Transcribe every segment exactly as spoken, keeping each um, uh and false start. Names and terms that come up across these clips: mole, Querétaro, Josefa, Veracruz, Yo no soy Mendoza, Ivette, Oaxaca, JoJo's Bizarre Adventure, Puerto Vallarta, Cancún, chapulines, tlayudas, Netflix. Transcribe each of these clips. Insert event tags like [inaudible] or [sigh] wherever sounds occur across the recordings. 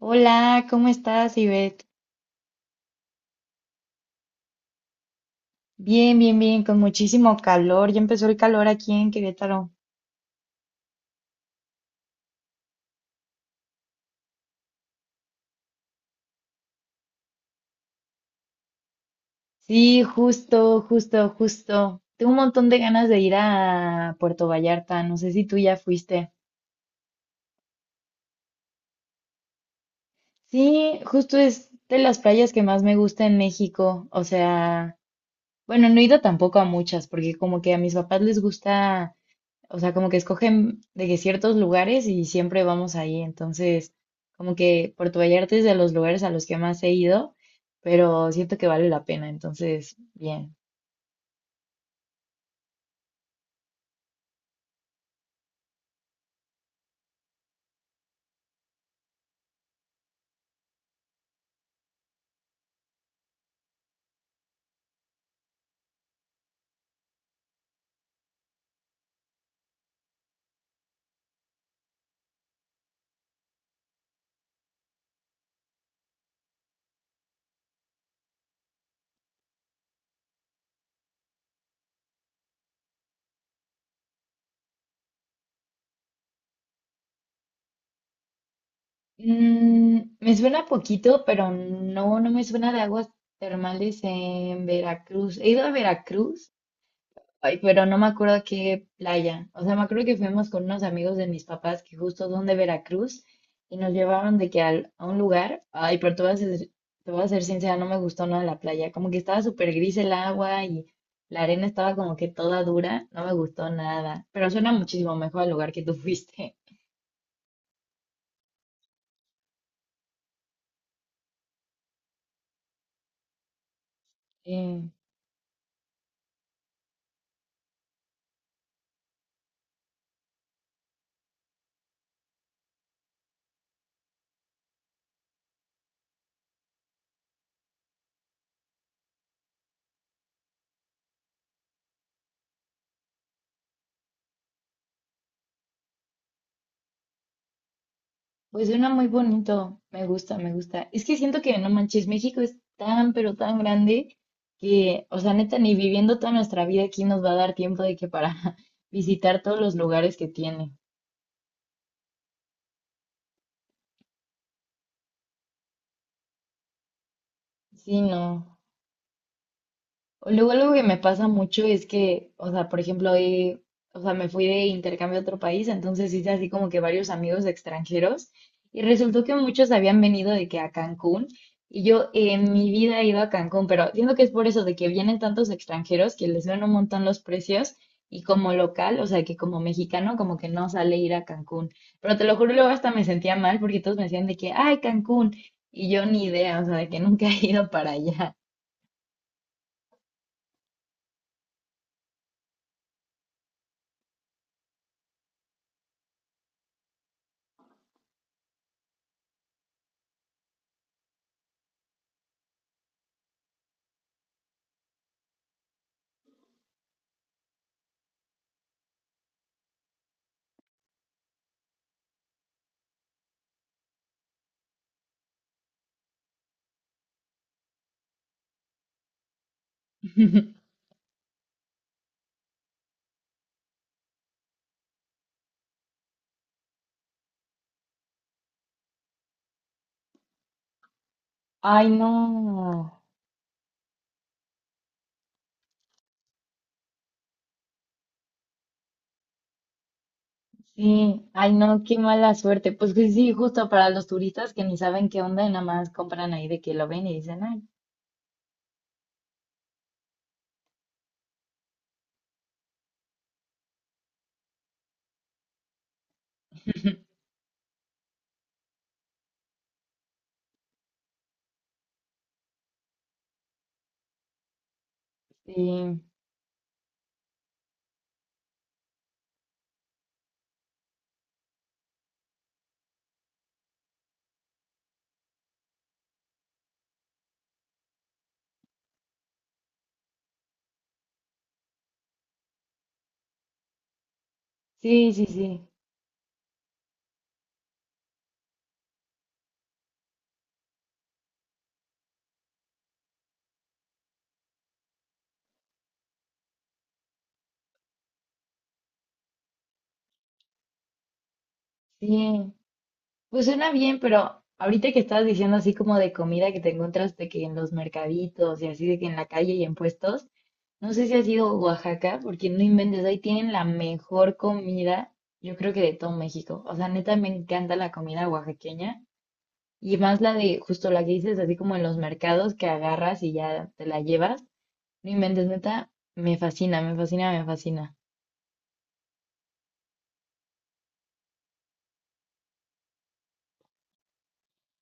Hola, ¿cómo estás, Ivette? Bien, bien, bien, con muchísimo calor. Ya empezó el calor aquí en Querétaro. Sí, justo, justo, justo. Tengo un montón de ganas de ir a Puerto Vallarta. No sé si tú ya fuiste. Sí, justo es de las playas que más me gusta en México. O sea, bueno, no he ido tampoco a muchas, porque como que a mis papás les gusta o sea, como que escogen de que ciertos lugares y siempre vamos ahí. Entonces, como que Puerto Vallarta es de los lugares a los que más he ido, pero siento que vale la pena. Entonces, bien. Mm, me suena poquito, pero no, no me suena de aguas termales en Veracruz. He ido a Veracruz. Ay, pero no me acuerdo qué playa. O sea, me acuerdo que fuimos con unos amigos de mis papás que justo son de Veracruz y nos llevaron de que al- a un lugar. Ay, pero te voy a ser, te voy a ser sincera, no me gustó nada la playa. Como que estaba súper gris el agua y la arena estaba como que toda dura. No me gustó nada. Pero suena muchísimo mejor al lugar que tú fuiste. [laughs] Pues suena muy bonito, me gusta, me gusta. Es que siento que, no manches, México es tan, pero tan grande que, o sea, neta, ni viviendo toda nuestra vida aquí nos va a dar tiempo de que para [laughs] visitar todos los lugares que tiene. Sí, no. O luego algo que me pasa mucho es que, o sea, por ejemplo, hoy, o sea, me fui de intercambio a otro país, entonces hice así como que varios amigos extranjeros y resultó que muchos habían venido de que a Cancún y yo en mi vida he ido a Cancún, pero siento que es por eso de que vienen tantos extranjeros que les ven un montón los precios y como local, o sea, que como mexicano como que no sale ir a Cancún. Pero te lo juro, luego hasta me sentía mal porque todos me decían de que, ay, Cancún, y yo ni idea, o sea, de que nunca he ido para allá. [laughs] Ay, no. Sí, ay, no, qué mala suerte. Pues que sí, justo para los turistas que ni saben qué onda y nada más compran ahí de que lo ven y dicen, ay, sí, sí, sí, sí, sí. Pues suena bien, pero ahorita que estabas diciendo así como de comida que te encuentras de que en los mercaditos y así de que en la calle y en puestos, no sé si has ido a Oaxaca, porque no inventes, ahí tienen la mejor comida, yo creo que de todo México. O sea, neta, me encanta la comida oaxaqueña. Y más la de, justo la que dices, así como en los mercados que agarras y ya te la llevas. No inventes, neta, me fascina, me fascina, me fascina.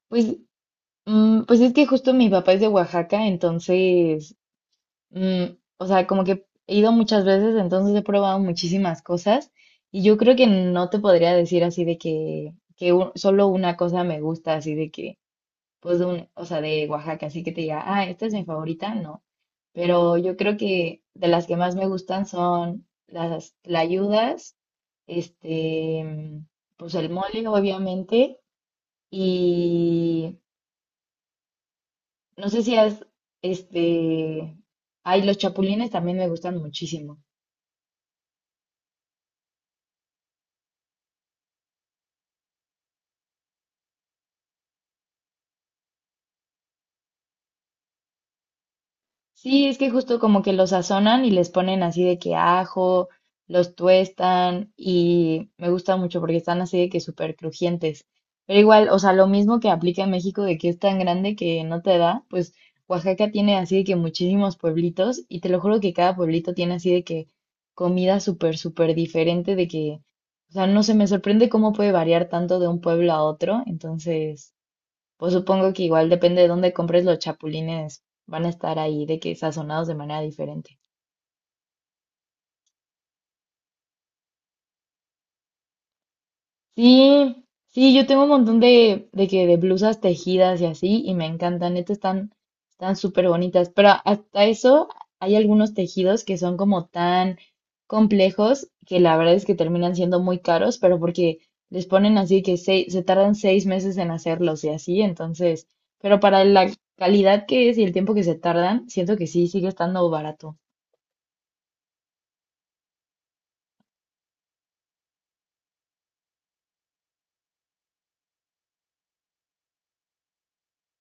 Pues, mm, pues es que justo mi papá es de Oaxaca, entonces, mm, o sea, como que he ido muchas veces, entonces he probado muchísimas cosas. Y yo creo que no te podría decir así de que, que u- solo una cosa me gusta, así de que, pues, de un, o sea, de Oaxaca, así que te diga, ah, esta es mi favorita, no. Pero yo creo que de las que más me gustan son las tlayudas, este, mm, pues el mole, obviamente, y no sé si has, este, ay, los chapulines también me gustan muchísimo. Sí, es que justo como que los sazonan y les ponen así de que ajo, los tuestan y me gusta mucho porque están así de que súper crujientes. Pero igual, o sea, lo mismo que aplica en México de que es tan grande que no te da, pues Oaxaca tiene así de que muchísimos pueblitos y te lo juro que cada pueblito tiene así de que comida súper, súper diferente de que, o sea, no sé, me sorprende cómo puede variar tanto de un pueblo a otro. Entonces... Pues supongo que igual depende de dónde compres los chapulines, van a estar ahí de que sazonados de manera diferente. Sí, sí, yo tengo un montón de, de que de blusas tejidas y así, y me encantan, neta están, están súper bonitas, pero hasta eso hay algunos tejidos que son como tan complejos que la verdad es que terminan siendo muy caros, pero porque les ponen así que se, se tardan seis meses en hacerlos y así, entonces, pero para la calidad que es y el tiempo que se tardan, siento que sí, sigue estando barato.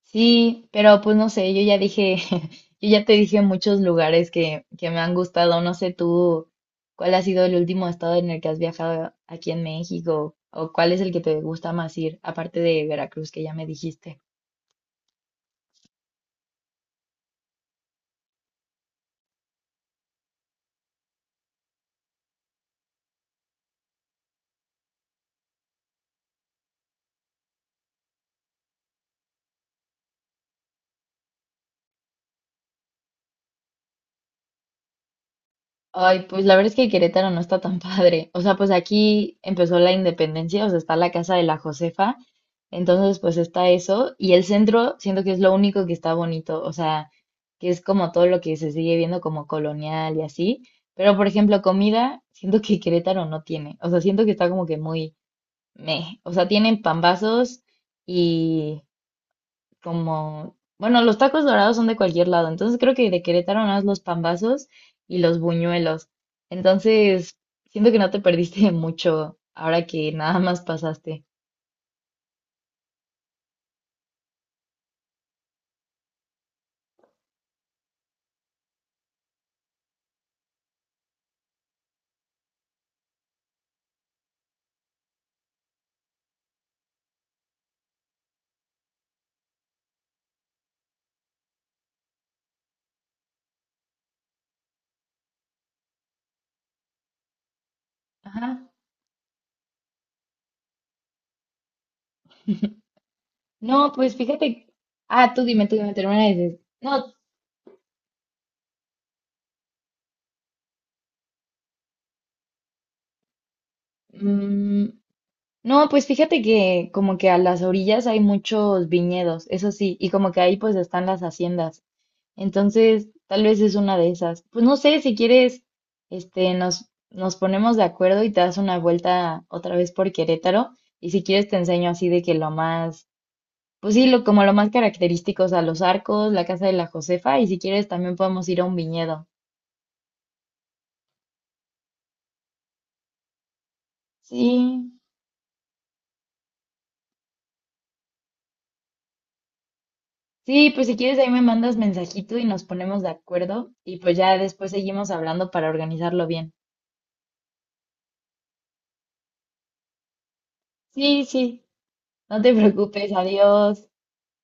Sí, pero pues no sé, yo ya dije, [laughs] yo ya te dije muchos lugares que, que me han gustado. No sé tú cuál ha sido el último estado en el que has viajado aquí en México o cuál es el que te gusta más ir, aparte de Veracruz, que ya me dijiste. Ay, pues la verdad es que Querétaro no está tan [laughs] padre. O sea, pues aquí empezó la independencia, o sea, está la casa de la Josefa. Entonces, pues está eso. Y el centro, siento que es lo único que está bonito. O sea, que es como todo lo que se sigue viendo como colonial y así. Pero, por ejemplo, comida, siento que Querétaro no tiene. O sea, siento que está como que muy meh. O sea, tienen pambazos como, bueno, los tacos dorados son de cualquier lado, entonces creo que de Querétaro nada más los pambazos y los buñuelos. Entonces, siento que no te perdiste [laughs] de mucho ahora que nada más pasaste. Ajá. No, pues fíjate. Ah, tú dime, tú dime, termina de decir. No, mm, no, pues fíjate que como que a las orillas hay muchos viñedos, eso sí, y como que ahí pues están las haciendas. Entonces, tal vez es una de esas. Pues no sé, si quieres, este, nos, nos ponemos de acuerdo y te das una vuelta otra vez por Querétaro. Y si quieres te enseño así de que lo más, pues sí, lo, como lo más característico, o sea, los arcos, la casa de la Josefa, y si quieres también podemos ir a un viñedo. Sí, sí, pues si quieres ahí me mandas mensajito y nos ponemos de acuerdo y pues ya después seguimos hablando para organizarlo bien. Sí, sí, no te preocupes, adiós.